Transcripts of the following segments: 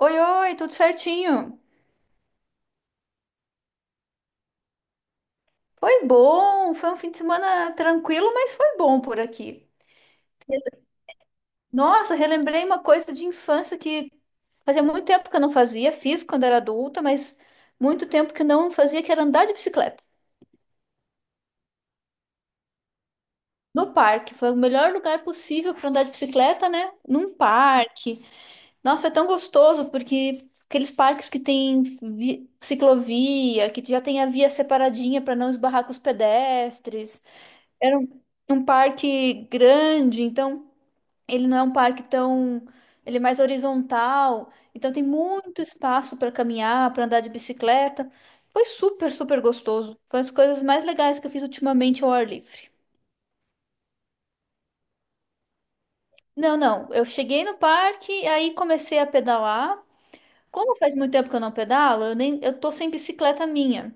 Oi, oi, tudo certinho? Foi bom, foi um fim de semana tranquilo, mas foi bom por aqui. Nossa, relembrei uma coisa de infância que fazia muito tempo que eu não fazia, fiz quando era adulta, mas muito tempo que eu não fazia, que era andar de bicicleta. No parque, foi o melhor lugar possível para andar de bicicleta, né? Num parque. Nossa, é tão gostoso porque aqueles parques que tem ciclovia, que já tem a via separadinha para não esbarrar com os pedestres. Era um parque grande, então ele não é um parque tão. Ele é mais horizontal, então tem muito espaço para caminhar, para andar de bicicleta. Foi super, super gostoso. Foi uma das coisas mais legais que eu fiz ultimamente ao ar livre. Não, não, eu cheguei no parque, aí comecei a pedalar. Como faz muito tempo que eu não pedalo, eu tô sem bicicleta minha.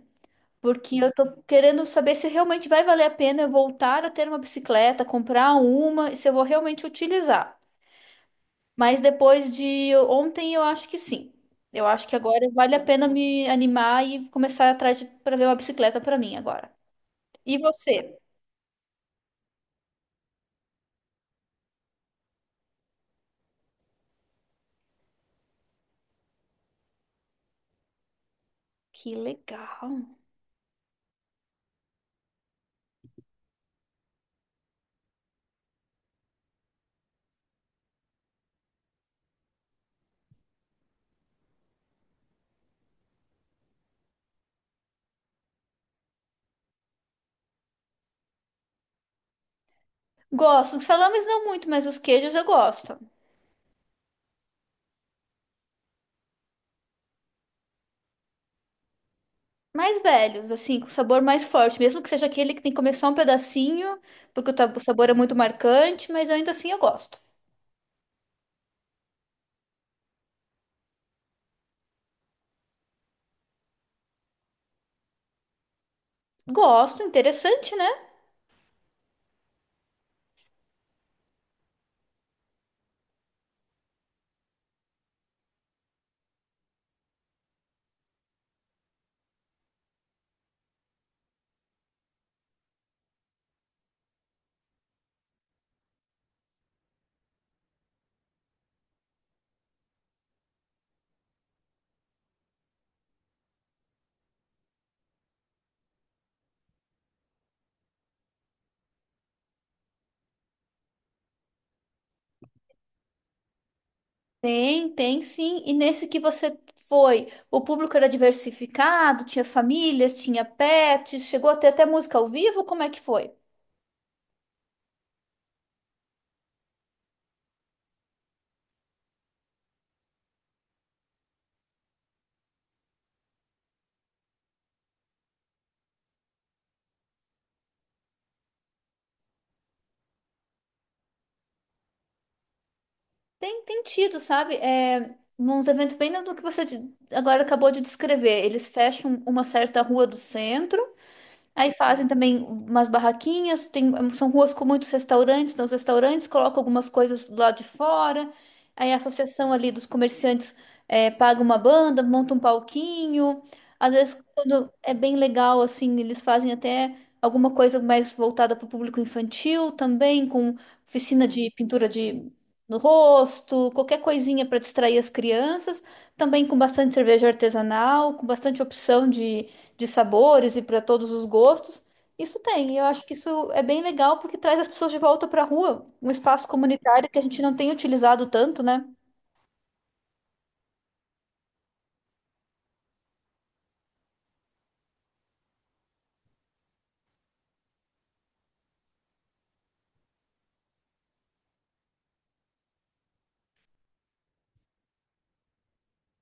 Porque eu tô querendo saber se realmente vai valer a pena eu voltar a ter uma bicicleta, comprar uma e se eu vou realmente utilizar. Mas depois de ontem, eu acho que sim. Eu acho que agora vale a pena me animar e começar atrás para ver uma bicicleta para mim agora. E você? Que legal. Gosto. Os salames não muito, mas os queijos eu gosto. Mais velhos, assim, com sabor mais forte. Mesmo que seja aquele que tem que comer só um pedacinho, porque o o sabor é muito marcante, mas ainda assim eu gosto. Gosto, interessante, né? Tem, tem sim. E nesse que você foi, o público era diversificado, tinha famílias, tinha pets, chegou a ter até música ao vivo? Como é que foi? Tem, tem tido, sabe? É, uns eventos bem do que você agora acabou de descrever. Eles fecham uma certa rua do centro. Aí fazem também umas barraquinhas, tem, são ruas com muitos restaurantes, nos restaurantes colocam algumas coisas do lado de fora. Aí a associação ali dos comerciantes paga uma banda, monta um palquinho. Às vezes, quando é bem legal, assim, eles fazem até alguma coisa mais voltada para o público infantil também, com oficina de pintura de no rosto, qualquer coisinha para distrair as crianças. Também com bastante cerveja artesanal, com bastante opção de sabores e para todos os gostos. Isso tem, e eu acho que isso é bem legal porque traz as pessoas de volta para a rua, um espaço comunitário que a gente não tem utilizado tanto, né?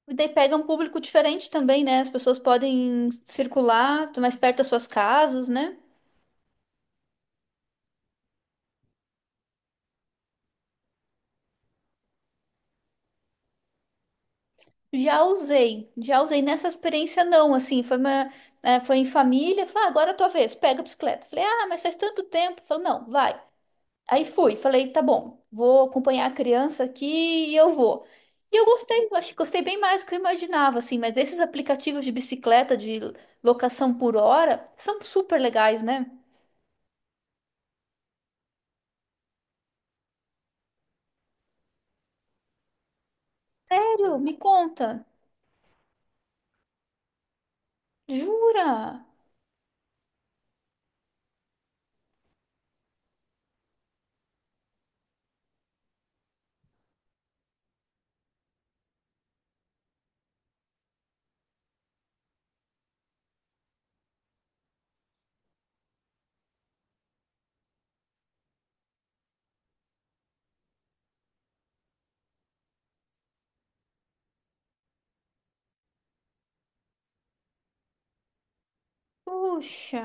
E daí pega um público diferente também, né? As pessoas podem circular tá mais perto das suas casas, né? Já usei nessa experiência não, assim, foi em família, falei, ah, agora é a tua vez, pega a bicicleta. Falei, ah, mas faz tanto tempo. Falei, não, vai. Aí fui, falei, tá bom, vou acompanhar a criança aqui e eu vou. E eu gostei, eu acho que gostei bem mais do que eu imaginava, assim, mas esses aplicativos de bicicleta, de locação por hora, são super legais, né? Sério, me conta. Jura? Puxa,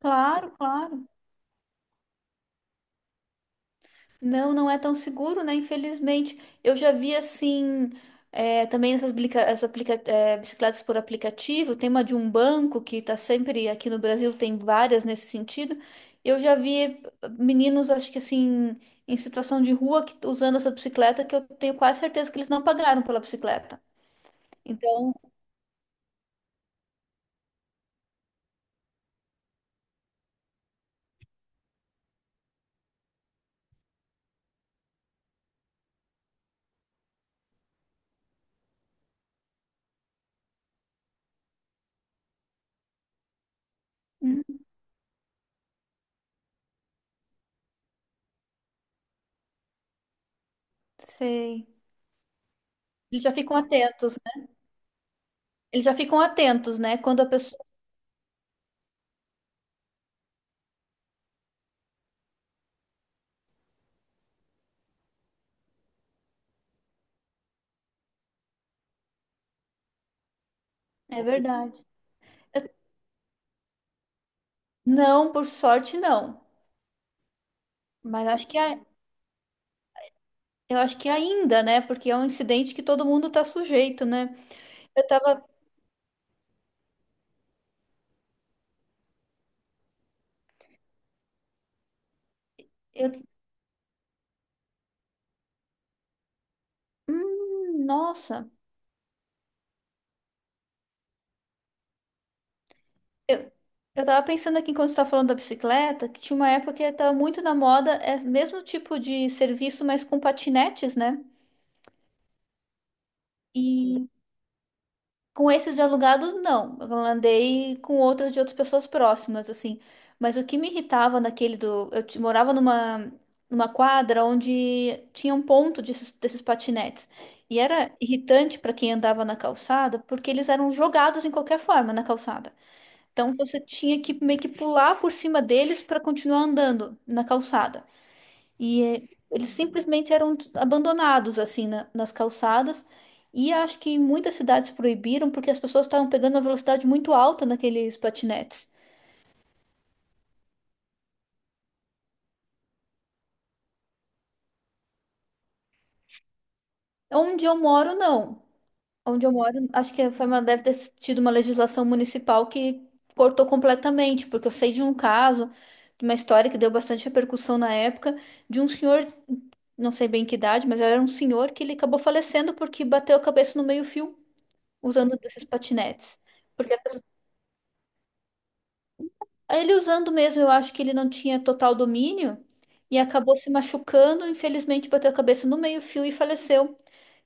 claro, claro. Não, não é tão seguro, né? Infelizmente. Eu já vi assim, também essas, bicicletas por aplicativo, tem uma de um banco que tá sempre aqui no Brasil, tem várias nesse sentido. Eu já vi meninos, acho que assim, em situação de rua, que, usando essa bicicleta, que eu tenho quase certeza que eles não pagaram pela bicicleta. Então, hum, sei. Eles já ficam atentos, né? Eles já ficam atentos, né? Quando a pessoa. É verdade. Não, por sorte, não. Mas acho que é. Eu acho que ainda, né? Porque é um incidente que todo mundo tá sujeito, né? Eu tava. Eu, nossa. Eu, eu tava pensando aqui quando você tá falando da bicicleta, que tinha uma época que tava muito na moda, é o mesmo tipo de serviço, mas com patinetes, né? E com esses de alugados, não. Eu andei com outras de outras pessoas próximas, assim. Mas o que me irritava naquele do. Morava numa quadra onde tinha um ponto desses, desses patinetes. E era irritante para quem andava na calçada, porque eles eram jogados em qualquer forma na calçada. Então você tinha que meio que pular por cima deles para continuar andando na calçada. E é, eles simplesmente eram abandonados assim nas calçadas. E acho que muitas cidades proibiram porque as pessoas estavam pegando uma velocidade muito alta naqueles patinetes. Onde eu moro, não. Onde eu moro, acho que foi uma, deve ter tido uma legislação municipal que cortou completamente, porque eu sei de um caso, de uma história que deu bastante repercussão na época, de um senhor, não sei bem que idade, mas era um senhor que ele acabou falecendo porque bateu a cabeça no meio-fio usando desses patinetes. Ele usando mesmo, eu acho que ele não tinha total domínio e acabou se machucando. Infelizmente, bateu a cabeça no meio-fio e faleceu.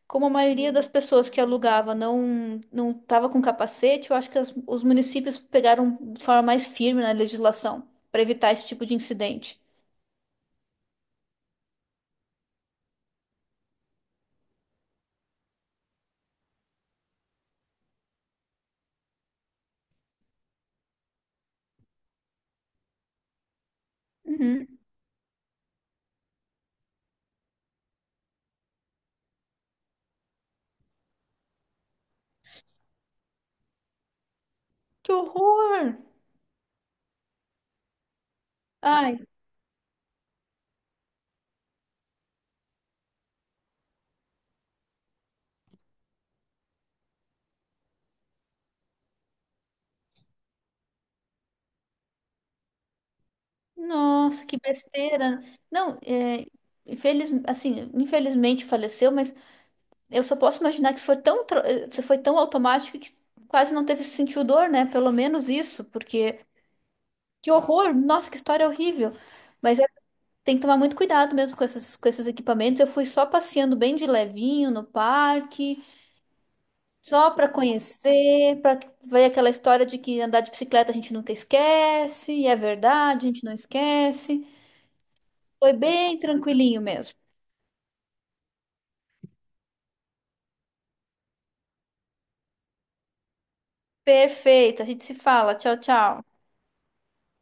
Como a maioria das pessoas que alugava não estava com capacete, eu acho que os municípios pegaram de forma mais firme na legislação para evitar esse tipo de incidente. Uhum. Que horror! Ai, nossa, que besteira. Não, é, infeliz, assim, infelizmente faleceu, mas eu só posso imaginar que isso foi isso foi tão automático que quase não teve sentiu dor, né? Pelo menos isso, porque que horror! Nossa, que história horrível! Mas é- Tem que tomar muito cuidado mesmo com esses equipamentos. Eu fui só passeando bem de levinho no parque, só para conhecer, para ver aquela história de que andar de bicicleta a gente nunca esquece, e é verdade, a gente não esquece. Foi bem tranquilinho mesmo. Perfeito, a gente se fala. Tchau, tchau.